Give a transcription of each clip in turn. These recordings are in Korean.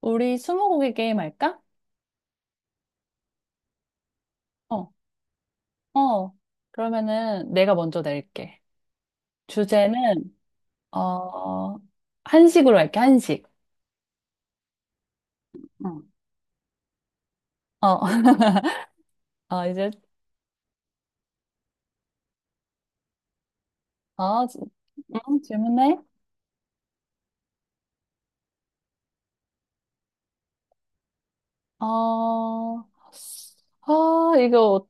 우리 스무고개 게임 할까? 어, 어. 그러면은 내가 먼저 낼게. 주제는, 어, 한식으로 할게, 한식. 응. 어, 어, 이제, 어, 지- 응, 질문해. 어, 아, 이거,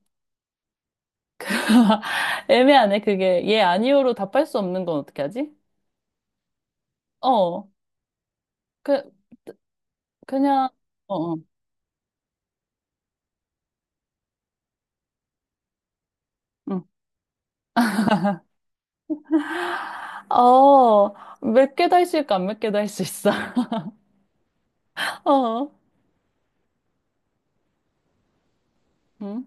애매하네, 그게. 예, 아니요로 답할 수 없는 건 어떻게 하지? 어, 그, 그냥, 어, 어. 응. 어, 몇 개도 할 수 있고 안 몇 개도 할 수 있어. 어, 응,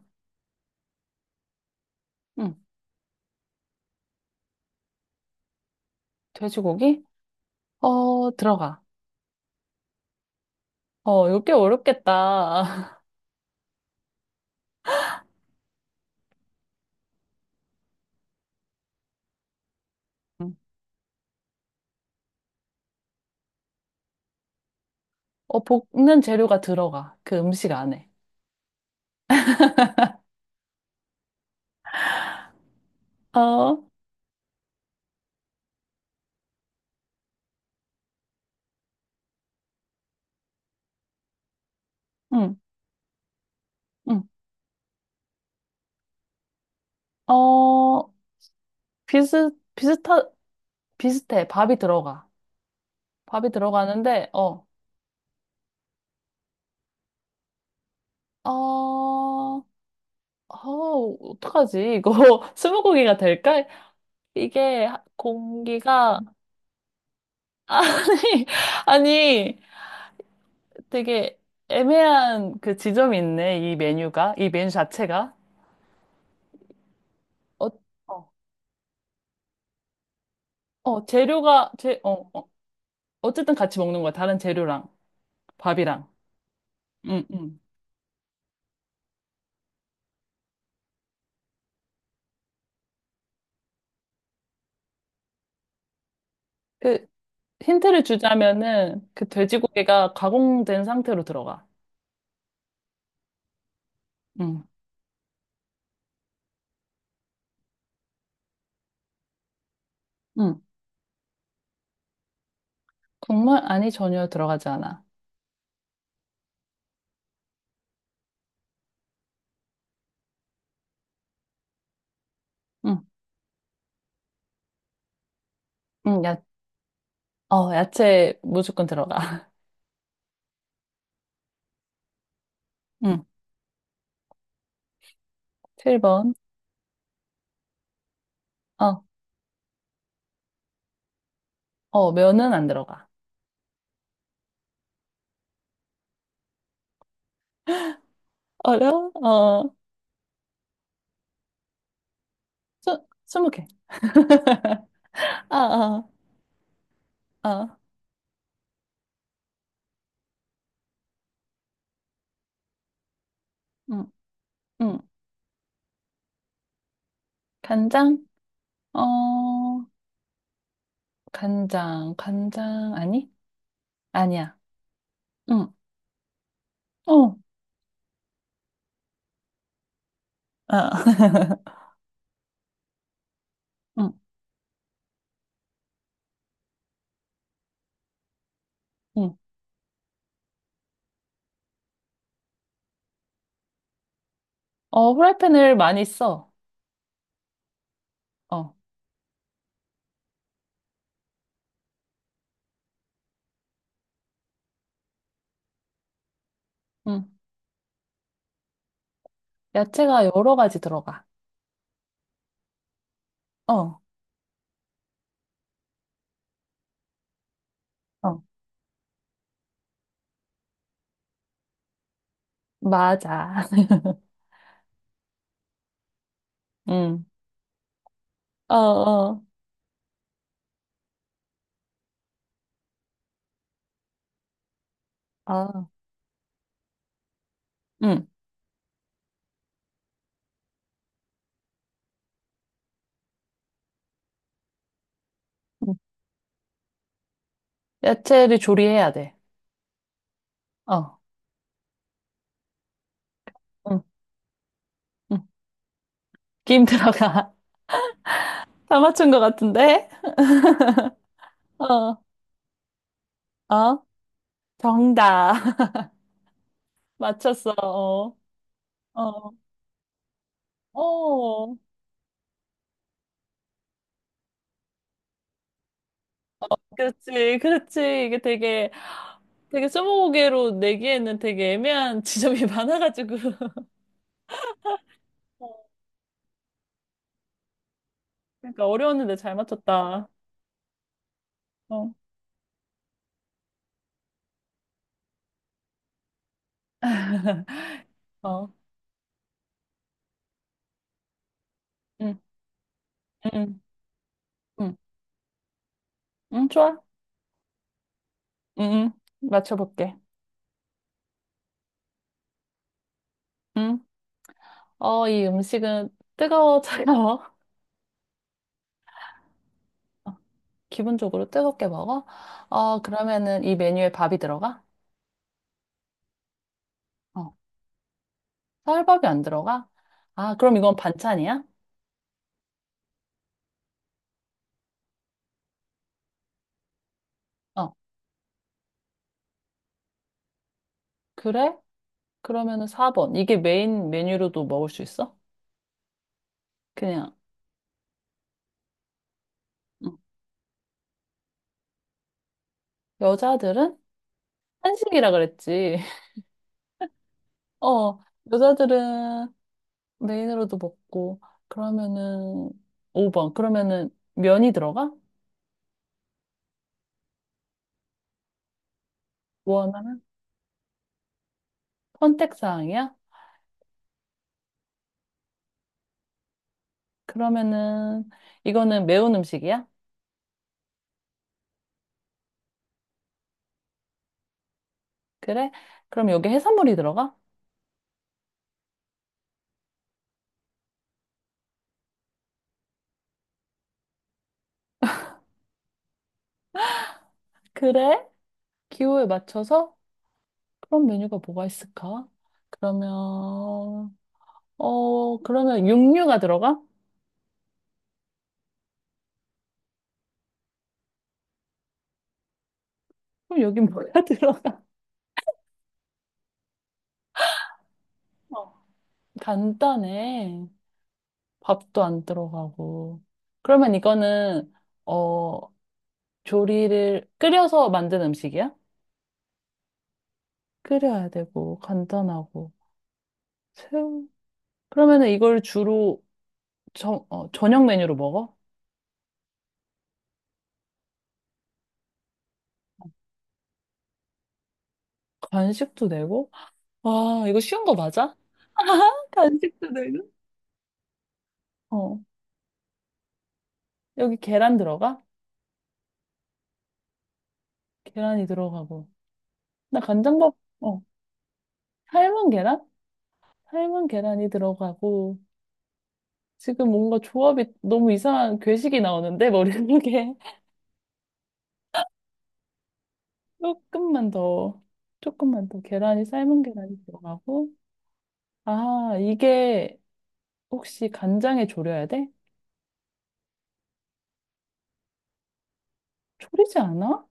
응. 돼지고기? 들어가. 어, 이거 꽤 어렵겠다. 음. 어, 볶는 재료가 들어가. 그 음식 안에. 어, 응, 응. 어, 비슷, 비슷하, 비슷해. 밥이 들어가. 밥이 들어가는데, 어, 어, 어떡하지? 이거 스무고개가 될까? 이게 공기가, 아니, 아니, 되게 애매한 그 지점이 있네. 이 메뉴가. 이 메뉴 자체가. 어, 어, 재료가, 재, 어, 어. 어쨌든 같이 먹는 거야. 다른 재료랑, 밥이랑. 응, 응. 그, 힌트를 주자면은, 그 돼지고기가 가공된 상태로 들어가. 응, 응. 국물? 아니, 전혀 들어가지 않아. 응, 응, 야, 어, 야채 무조건 들어가. 응, 7번. 어, 면은 안 들어가. 어려워? 스, 스무 개. 아, 아, 아. 응, 응. 간장? 어, 간장, 아니? 아니야. 응. 어, 아. 응, 응. 어, 후라이팬을 많이 써. 어, 응. 야채가 여러 가지 들어가. 어, 어, 맞아. 응, 어, 어, 아, 응. 응. 야채를 조리해야 돼. 어, 응, 응. 김 들어가. 다 맞춘 것 같은데? 어, 어, 정답. 맞췄어. 어, 어. 그렇지, 그렇지. 되게 스무고개로 내기에는 되게 애매한 지점이 많아가지고. 어. 그러니까 어려웠는데 잘 맞췄다. 어. 어. 응, 응, 응. 응, 좋아. 응, 응. 맞춰볼게. 응. 어, 이 음식은 뜨거워, 차가워? 어, 기본적으로 뜨겁게 먹어? 어, 그러면은 이 메뉴에 밥이 들어가? 어, 설밥이 안 들어가? 아, 그럼 이건 반찬이야? 어, 그래? 그러면은 4번. 이게 메인 메뉴로도 먹을 수 있어? 그냥. 응. 여자들은 한식이라 그랬지. 어, 여자들은 메인으로도 먹고, 그러면은 5번. 그러면은 면이 들어가? 원하면? 선택사항이야? 그러면은 이거는 매운 음식이야? 그래? 그럼 여기 해산물이 들어가? 그래? 기호에 맞춰서 그런 메뉴가 뭐가 있을까? 그러면, 어, 그러면 육류가 들어가? 그럼 여기 뭐가 들어? 어. 간단해. 밥도 안 들어가고. 그러면 이거는, 어, 조리를 끓여서 만든 음식이야? 끓여야 되고, 간단하고. 새우. 그러면은 이걸 주로 저녁 메뉴로 먹어? 간식도 내고? 아, 이거 쉬운 거 맞아? 간식도 되고. 어. 여기 계란 들어가? 계란이 들어가고. 나 간장밥, 어. 삶은 계란? 삶은 계란이 들어가고. 지금 뭔가 조합이 너무 이상한 괴식이 나오는데 머릿속에 조금만 더, 조금만 더. 계란이 삶은 계란이 들어가고. 아 이게 혹시 간장에 졸여야 돼? 졸이지 않아?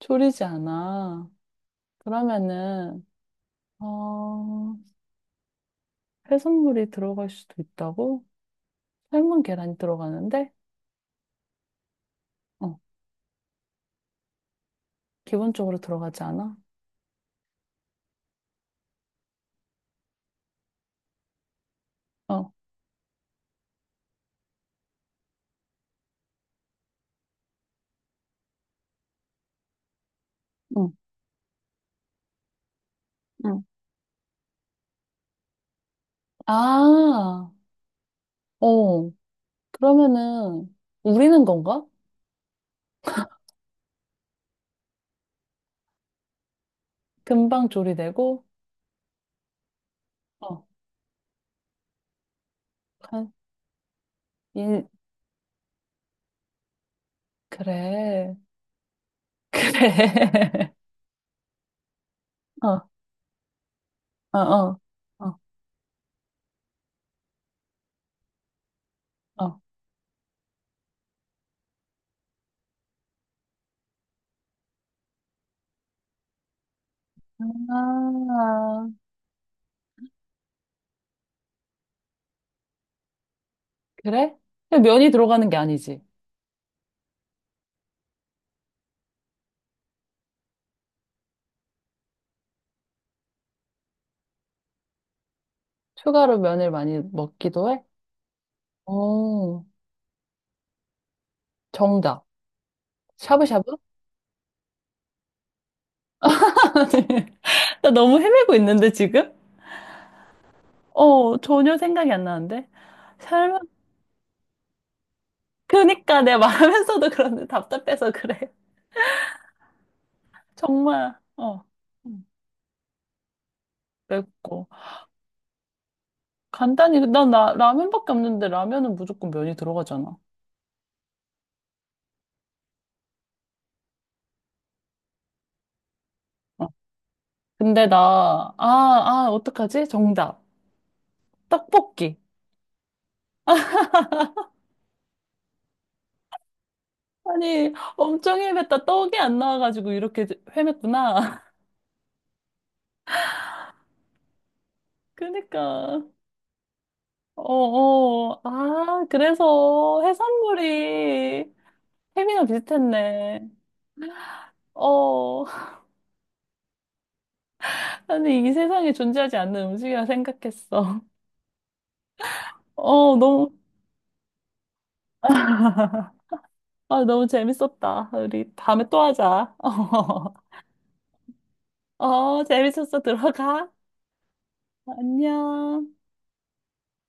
졸이지 않아. 그러면은 어 해산물이 들어갈 수도 있다고? 삶은 계란이 들어가는데 어 기본적으로 들어가지 않아? 어 응. 응. 아, 어, 그러면은 우리는 건가? 금방 조리되고 어, 간, 인, 그래, 그래. 어, 어, 어, 어, 어. 아, 그래? 근데 면이 들어가는 게 아니지. 추가로 면을 많이 먹기도 해? 오, 정답. 샤브샤브? 나 너무 헤매고 있는데, 지금? 어, 전혀 생각이 안 나는데? 설마, 그니까 내가 말하면서도 그런데 답답해서 그래. 정말, 어, 음, 맵고. 간단히 난 라면밖에 없는데 라면은 무조건 면이 들어가잖아. 어. 근데 나, 어떡하지? 정답. 떡볶이. 아니, 엄청 헤맸다. 떡이 안 나와가지고 이렇게 헤맸구나. 그니까. 어, 어. 아, 그래서 해산물이 햄이랑 비슷했네. 어. 아니, 이 세상에 존재하지 않는 음식이라 생각했어. 어, 너무, 아, 너무 재밌었다. 우리 다음에 또 하자. 어, 재밌었어. 들어가. 안녕.